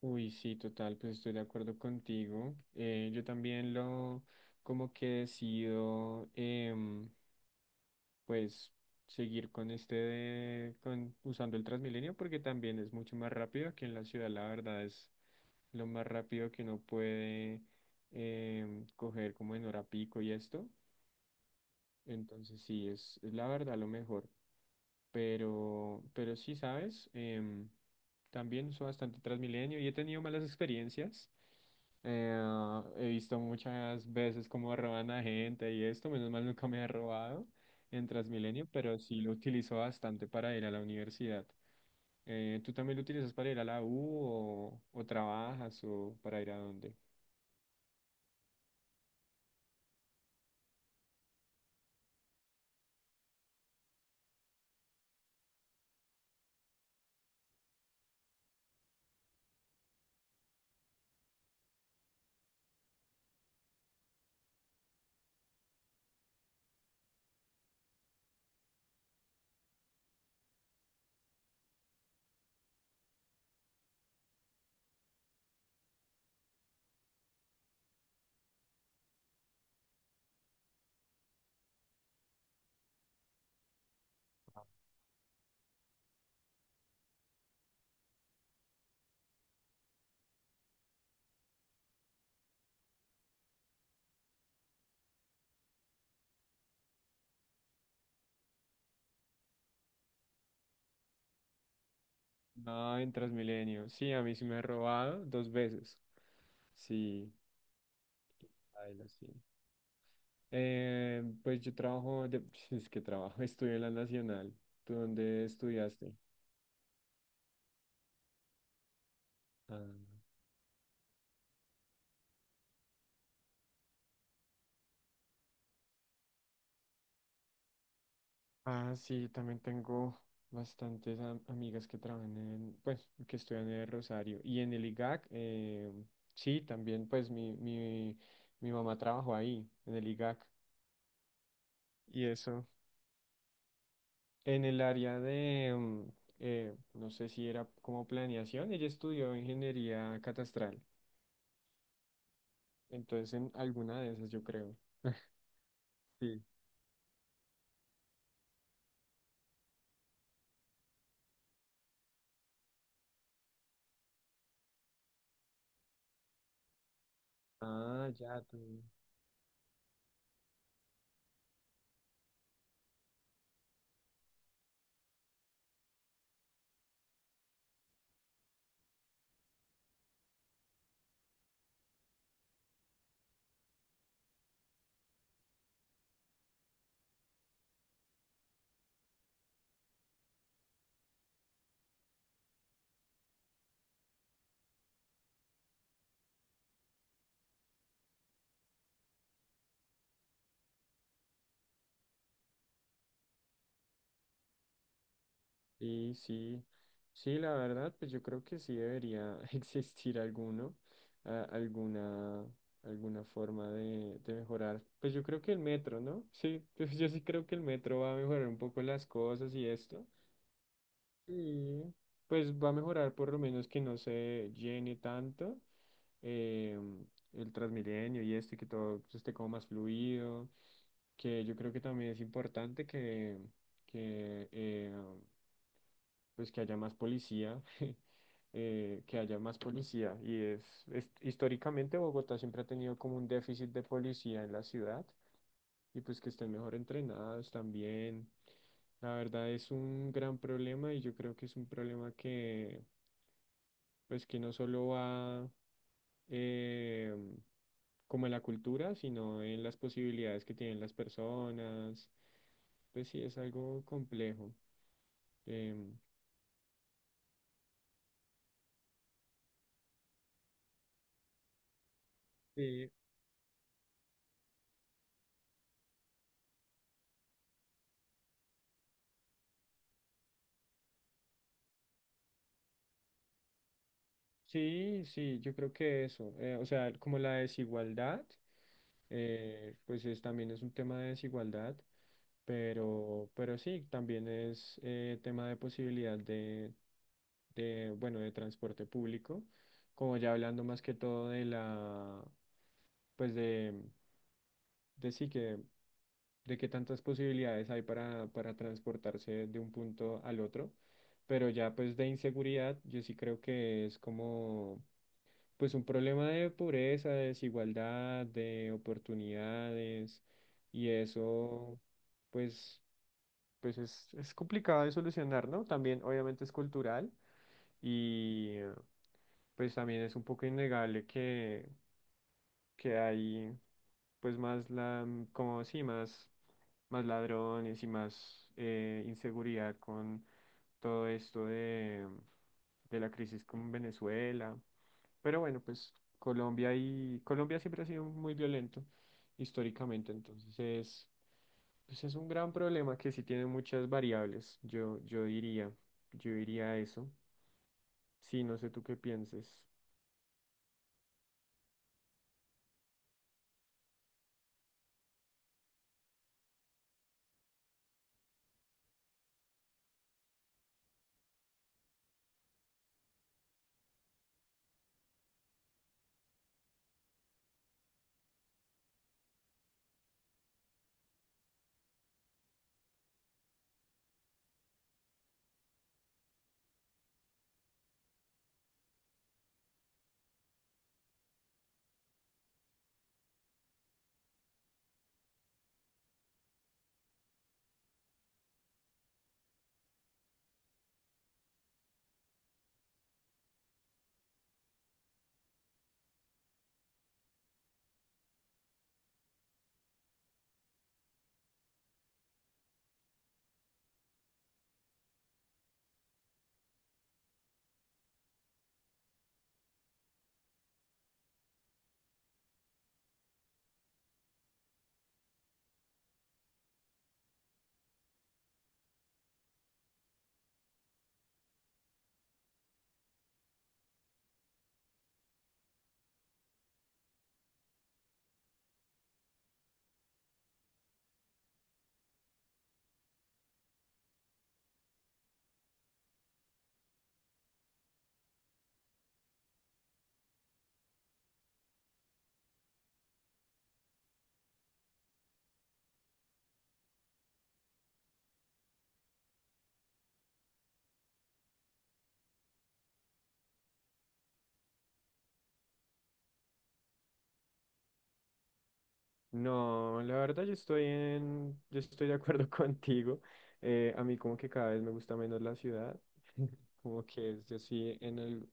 Uy, sí, total, pues estoy de acuerdo contigo. Yo también lo, como que decido, pues, seguir con usando el Transmilenio porque también es mucho más rápido. Aquí en la ciudad, la verdad, es lo más rápido que uno puede coger como en hora pico y esto. Entonces, sí, es la verdad lo mejor. Pero sí, ¿sabes? También uso bastante Transmilenio y he tenido malas experiencias. He visto muchas veces cómo roban a gente y esto, menos mal nunca me ha robado en Transmilenio, pero sí lo utilizo bastante para ir a la universidad. ¿Tú también lo utilizas para ir a la U o trabajas o para ir a dónde? No, en Transmilenio. Sí, a mí sí me ha robado dos veces. Sí. Baila, sí. Pues yo trabajo, de, es que trabajo, estudio en la Nacional. ¿Tú dónde estudiaste? Ah, ah, sí, también tengo bastantes amigas que trabajan en, pues, que estudian en el Rosario. Y en el IGAC, sí, también, pues, mi mamá trabajó ahí, en el IGAC. Y eso, en el área de, no sé si era como planeación, ella estudió ingeniería catastral. Entonces, en alguna de esas, yo creo. Sí. Ah, ya tú. Sí, sí. Sí, la verdad, pues yo creo que sí debería existir alguno, a- alguna, alguna forma de mejorar. Pues yo creo que el metro, ¿no? Sí, pues yo sí creo que el metro va a mejorar un poco las cosas y esto. Y pues va a mejorar por lo menos que no se llene tanto eh, el Transmilenio y este que todo esté como más fluido, que yo creo que también es importante que, que eh, pues que haya más policía, que haya más policía. Y históricamente Bogotá siempre ha tenido como un déficit de policía en la ciudad y pues que estén mejor entrenados también. La verdad es un gran problema y yo creo que es un problema que pues que no solo va eh, como en la cultura, sino en las posibilidades que tienen las personas. Pues sí, es algo complejo. em, Sí, sí, sí, yo creo que eso, o sea, como la desigualdad, pues es, también es un tema de desigualdad, pero sí, también es tema de posibilidad de, bueno, de transporte público, como ya hablando más que todo de la, pues de, de sí que, de qué tantas posibilidades hay para transportarse de un punto al otro. Pero ya pues de inseguridad, yo sí creo que es como pues un problema de pobreza, de desigualdad, de oportunidades y eso pues pues es complicado de solucionar, ¿no? También obviamente es cultural y pues también es un poco innegable que hay pues más la como sí, más, más ladrones y más inseguridad con todo esto de la crisis con Venezuela. Pero bueno, pues Colombia siempre ha sido muy violento históricamente, entonces es, pues es un gran problema que sí tiene muchas variables, yo diría eso. Sí, no sé tú qué pienses. No, la verdad yo estoy de acuerdo contigo. A mí como que cada vez me gusta menos la ciudad. Yo sí en el,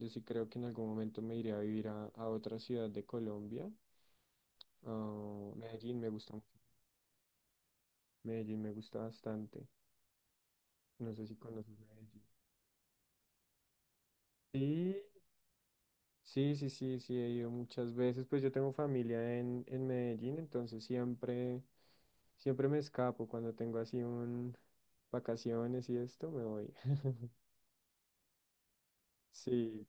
yo sí creo que en algún momento me iré a vivir a otra ciudad de Colombia. Ah, Medellín me gusta mucho. Medellín me gusta bastante. No sé si conoces Medellín. Sí, sí, he ido muchas veces. Pues yo tengo familia en Medellín, entonces siempre, siempre me escapo cuando tengo así un vacaciones y esto, me voy. Sí,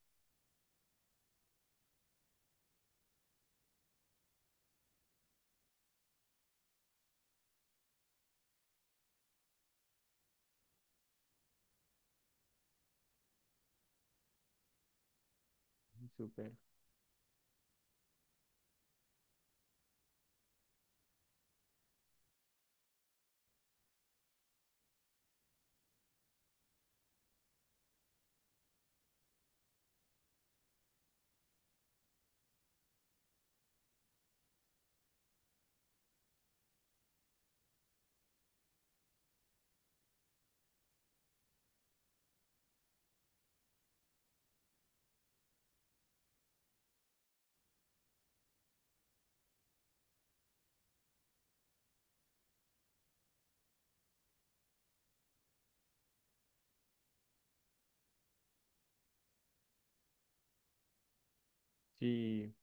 súper. Sí,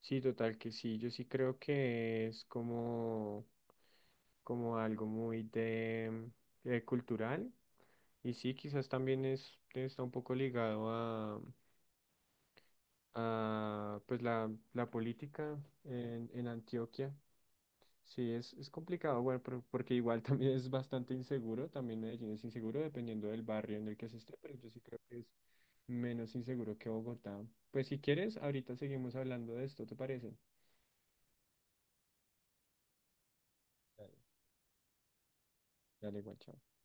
sí, total que sí. Yo sí creo que es como, como algo muy de, cultural. Y sí, quizás también es, está un poco ligado a pues la política en Antioquia. Sí, es complicado, bueno, porque igual también es bastante inseguro, también Medellín es inseguro dependiendo del barrio en el que se esté, pero yo sí creo que es menos inseguro que Bogotá. Pues si quieres, ahorita seguimos hablando de esto, ¿te parece? Dale, dale, igual, chao.